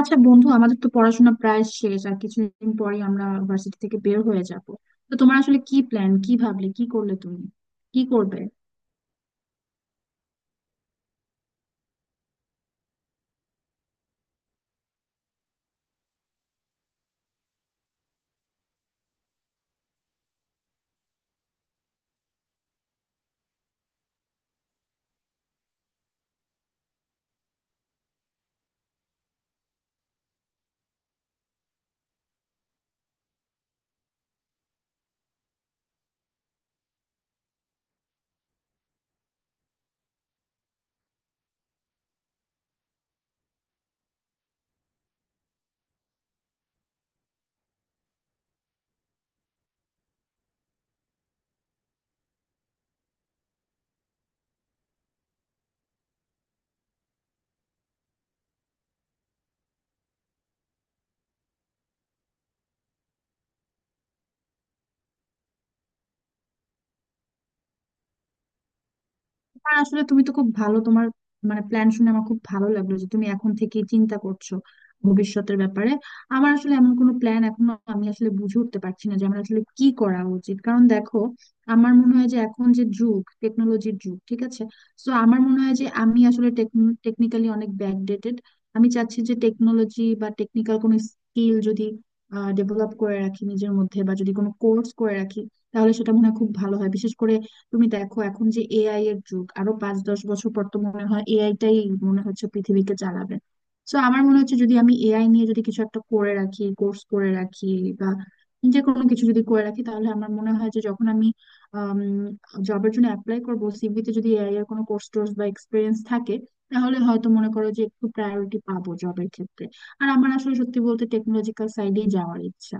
আচ্ছা বন্ধু, আমাদের তো পড়াশোনা প্রায় শেষ। আর কিছুদিন পরেই আমরা ভার্সিটি থেকে বের হয়ে যাব। তো তোমার আসলে কি প্ল্যান? কি ভাবলে, কি করলে তুমি, কি করবে? হ্যাঁ, আসলে তুমি তো খুব ভালো, তোমার মানে প্ল্যান শুনে আমার খুব ভালো লাগলো যে তুমি এখন থেকে চিন্তা করছো ভবিষ্যতের ব্যাপারে। আমার আসলে এমন কোনো প্ল্যান, এখনো আমি আসলে বুঝে উঠতে পারছি না যে আমার আসলে কি করা উচিত, কারণ দেখো, আমার মনে হয় যে এখন যে যুগ, টেকনোলজির যুগ, ঠিক আছে। তো আমার মনে হয় যে আমি আসলে টেকনিক্যালি অনেক ব্যাকডেটেড। আমি চাচ্ছি যে টেকনোলজি বা টেকনিক্যাল কোনো স্কিল যদি ডেভেলপ করে রাখি নিজের মধ্যে, বা যদি কোনো কোর্স করে রাখি, তাহলে সেটা মনে হয় খুব ভালো হয়। বিশেষ করে তুমি দেখো, এখন যে এআই এর যুগ, আরো 5-10 বছর পর তো মনে হয় এআই টাই মনে হচ্ছে পৃথিবীকে চালাবে। তো আমার মনে হচ্ছে যদি আমি এআই নিয়ে যদি কিছু একটা করে রাখি, কোর্স করে রাখি, বা যে কোনো কিছু যদি করে রাখি, তাহলে আমার মনে হয় যে যখন আমি জবের জন্য অ্যাপ্লাই করবো, সিভিতে যদি এআই এর কোনো কোর্স টোর্স বা এক্সপিরিয়েন্স থাকে, তাহলে হয়তো মনে করো যে একটু প্রায়োরিটি পাবো জবের ক্ষেত্রে। আর আমার আসলে সত্যি বলতে টেকনোলজিক্যাল সাইডেই যাওয়ার ইচ্ছা।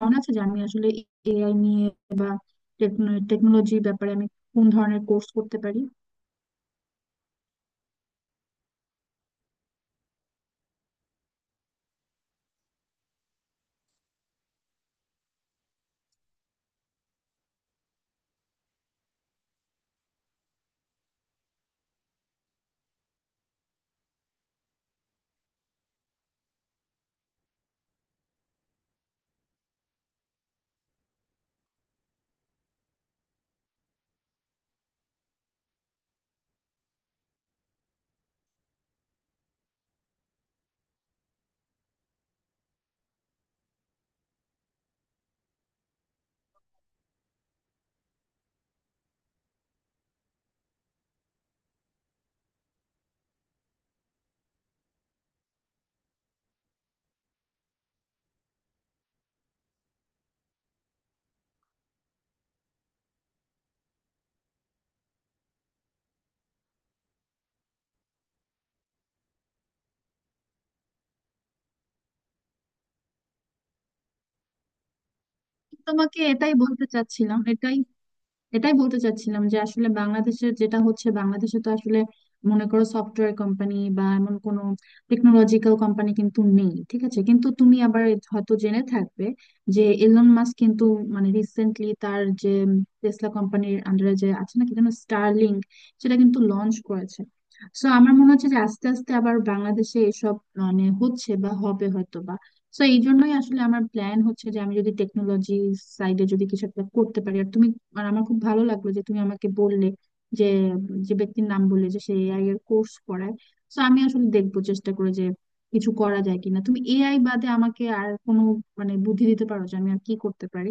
মনে আছে যে আমি আসলে এআই নিয়ে বা টেকনোলজির ব্যাপারে আমি কোন ধরনের কোর্স করতে পারি? তোমাকে এটাই বলতে চাচ্ছিলাম। এটাই এটাই বলতে চাচ্ছিলাম যে আসলে বাংলাদেশের যেটা হচ্ছে, বাংলাদেশে তো আসলে মনে করো সফটওয়্যার কোম্পানি বা এমন কোনো টেকনোলজিক্যাল কোম্পানি কিন্তু নেই, ঠিক আছে? কিন্তু তুমি আবার হয়তো জেনে থাকবে যে এলন মাস্ক কিন্তু, মানে রিসেন্টলি তার যে টেসলা কোম্পানির আন্ডারে যে আছে না কি যেন, স্টারলিংক, সেটা কিন্তু লঞ্চ করেছে। সো আমার মনে হচ্ছে যে আস্তে আস্তে আবার বাংলাদেশে এসব মানে হচ্ছে বা হবে হয়তো। তো এই জন্যই আসলে আমার প্ল্যান হচ্ছে যে আমি যদি টেকনোলজি সাইডে যদি কিছু একটা করতে পারি। আর তুমি, আর আমার খুব ভালো লাগলো যে তুমি আমাকে বললে যে যে ব্যক্তির নাম বললে যে সে এআই এর কোর্স করায়, তো আমি আসলে দেখবো চেষ্টা করে যে কিছু করা যায় কিনা। তুমি এআই বাদে আমাকে আর কোনো মানে বুদ্ধি দিতে পারো যে আমি আর কি করতে পারি?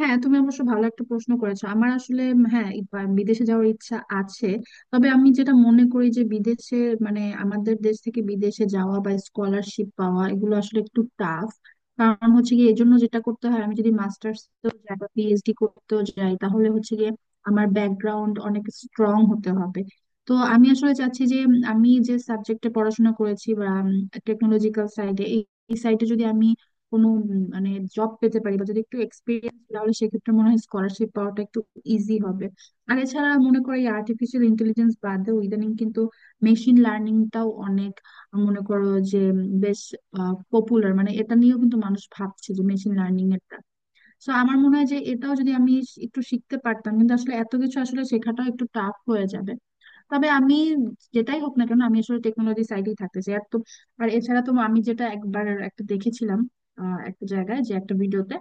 হ্যাঁ, তুমি অবশ্য ভালো একটা প্রশ্ন করেছো। আমার আসলে হ্যাঁ, বিদেশে যাওয়ার ইচ্ছা আছে। তবে আমি যেটা মনে করি যে বিদেশে, মানে আমাদের দেশ থেকে বিদেশে যাওয়া বা স্কলারশিপ পাওয়া এগুলো আসলে একটু টাফ। কারণ হচ্ছে গিয়ে এর জন্য যেটা করতে হয়, আমি যদি মাস্টার্স যাই বা পিএইচডি করতেও যাই, তাহলে হচ্ছে গিয়ে আমার ব্যাকগ্রাউন্ড অনেক স্ট্রং হতে হবে। তো আমি আসলে চাচ্ছি যে আমি যে সাবজেক্টে পড়াশোনা করেছি, বা টেকনোলজিক্যাল সাইডে, এই সাইডে যদি আমি কোনো মানে জব পেতে পারি বা যদি একটু এক্সপিরিয়েন্স, তাহলে সেক্ষেত্রে মনে হয় স্কলারশিপ পাওয়াটা একটু ইজি হবে। আর এছাড়া মনে করো, এই আর্টিফিশিয়াল ইন্টেলিজেন্স বাদেও ইদানিং কিন্তু মেশিন লার্নিংটাও অনেক, মনে করো যে বেশ পপুলার, মানে এটা নিয়েও কিন্তু মানুষ ভাবছে, যে মেশিন লার্নিং এরটা। তো আমার মনে হয় যে এটাও যদি আমি একটু শিখতে পারতাম, কিন্তু আসলে এত কিছু আসলে শেখাটাও একটু টাফ হয়ে যাবে। তবে আমি, যেটাই হোক না কেন, আমি আসলে টেকনোলজি সাইডেই থাকতে চাই। আর তো, আর এছাড়া তো আমি যেটা একবার একটা দেখেছিলাম একটা জায়গায়, যে একটা ভিডিওতে,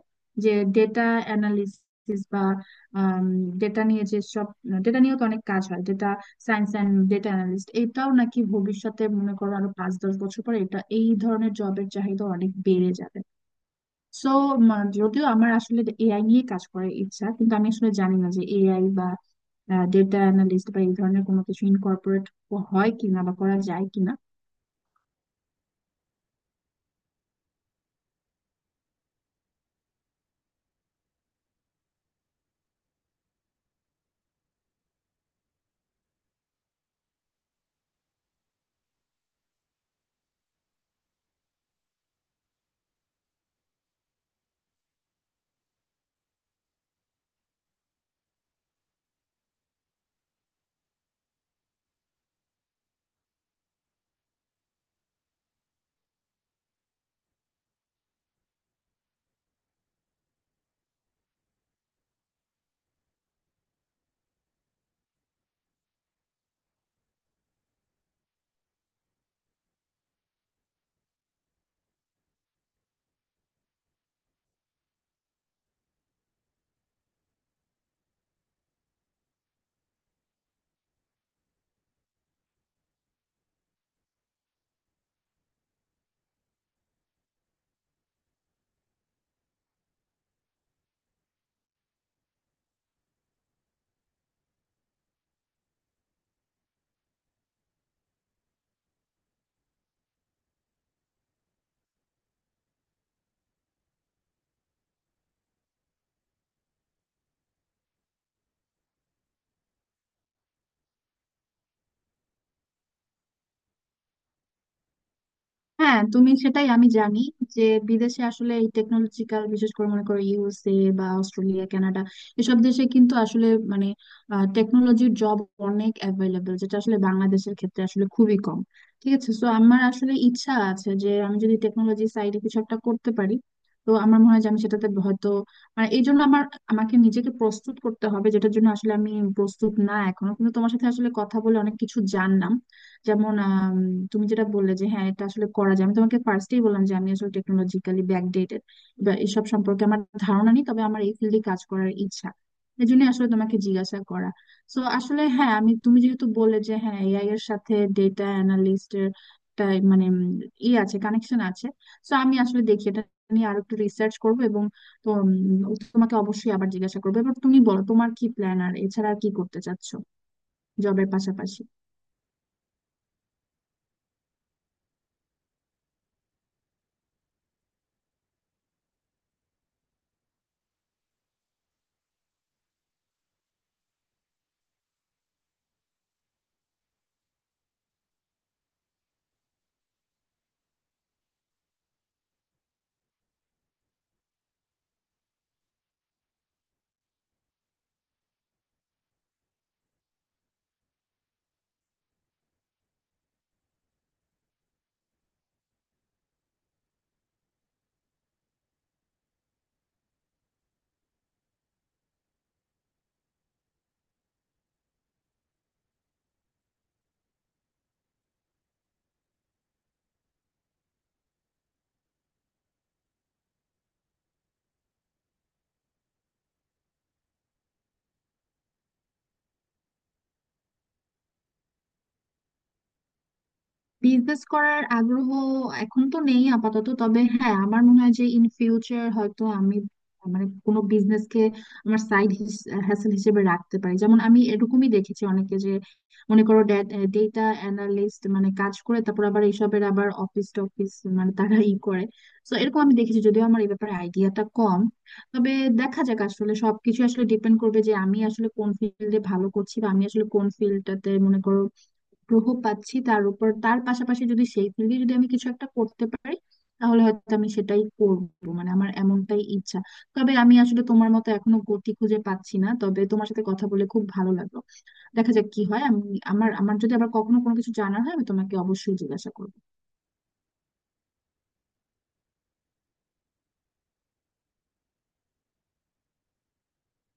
যে ডেটা অ্যানালিসিস বা ডেটা নিয়ে, যে সব ডেটা নিয়েও তো অনেক কাজ হয়, data science and data analyst, এটাও নাকি ভবিষ্যতে মনে করো আরো 5-10 বছর পরে এটা এই ধরনের জবের চাহিদা অনেক বেড়ে যাবে। সো যদিও আমার আসলে এআই নিয়ে কাজ করার ইচ্ছা, কিন্তু আমি আসলে জানি না যে এআই বা ডেটা অ্যানালিস্ট বা এই ধরনের কোনো কিছু ইনকর্পোরেট হয় কিনা বা করা যায় কিনা। হ্যাঁ তুমি, সেটাই আমি জানি যে বিদেশে আসলে এই টেকনোলজিক্যাল, বিশেষ করে মনে করো ইউএসএ বা অস্ট্রেলিয়া, কানাডা, এসব দেশে কিন্তু আসলে মানে টেকনোলজির জব অনেক অ্যাভেলেবল, যেটা আসলে বাংলাদেশের ক্ষেত্রে আসলে খুবই কম, ঠিক আছে। সো আমার আসলে ইচ্ছা আছে যে আমি যদি টেকনোলজি সাইডে কিছু একটা করতে পারি। তো আমার মনে হয় যে আমি সেটাতে হয়তো, মানে এই জন্য আমার, আমাকে নিজেকে প্রস্তুত করতে হবে, যেটার জন্য আসলে আমি প্রস্তুত না এখনো, কিন্তু তোমার সাথে আসলে কথা বলে অনেক কিছু জানলাম। যেমন তুমি যেটা বললে যে হ্যাঁ এটা আসলে করা যায়। আমি তোমাকে ফার্স্টেই বললাম যে আমি আসলে টেকনোলজিক্যালি ব্যাকডেটেড বা এসব সম্পর্কে আমার ধারণা নেই, তবে আমার এই ফিল্ডে কাজ করার ইচ্ছা, এই জন্য আসলে তোমাকে জিজ্ঞাসা করা। তো আসলে হ্যাঁ, আমি, তুমি যেহেতু বললে যে হ্যাঁ এআই এর সাথে ডেটা অ্যানালিস্টের মানে আছে, কানেকশন আছে। তো আমি আসলে দেখি এটা নিয়ে আরো একটু রিসার্চ করবো। এবং তো তোমাকে অবশ্যই আবার জিজ্ঞাসা করবো। এবার তুমি বলো, তোমার কি প্ল্যান, আর এছাড়া আর কি করতে চাচ্ছো জবের পাশাপাশি? বিজনেস করার আগ্রহ এখন তো নেই আপাতত। তবে হ্যাঁ, আমার মনে হয় যে ইন ফিউচার হয়তো আমি, মানে কোনো বিজনেস কে আমার সাইড হ্যাসেল হিসেবে রাখতে পারি। যেমন আমি এরকমই দেখেছি, অনেকে যে মনে করো ডেটা অ্যানালিস্ট মানে কাজ করে, তারপর আবার এইসবের আবার অফিস টফিস মানে তারা করে। তো এরকম আমি দেখেছি, যদিও আমার এই ব্যাপারে আইডিয়াটা কম। তবে দেখা যাক, আসলে সবকিছু আসলে ডিপেন্ড করবে যে আমি আসলে কোন ফিল্ডে ভালো করছি বা আমি আসলে কোন ফিল্ডটাতে মনে করো আগ্রহ পাচ্ছি, তার উপর। তার পাশাপাশি যদি সেই থেকে যদি আমি কিছু একটা করতে পারি, তাহলে হয়তো আমি সেটাই করবো, মানে আমার এমনটাই ইচ্ছা। তবে আমি আসলে তোমার মতো এখনো গতি খুঁজে পাচ্ছি না, তবে তোমার সাথে কথা বলে খুব ভালো লাগলো। দেখা যাক কি হয়। আমি, আমার আমার যদি আবার কখনো কোনো কিছু জানার হয় আমি তোমাকে অবশ্যই জিজ্ঞাসা করবো।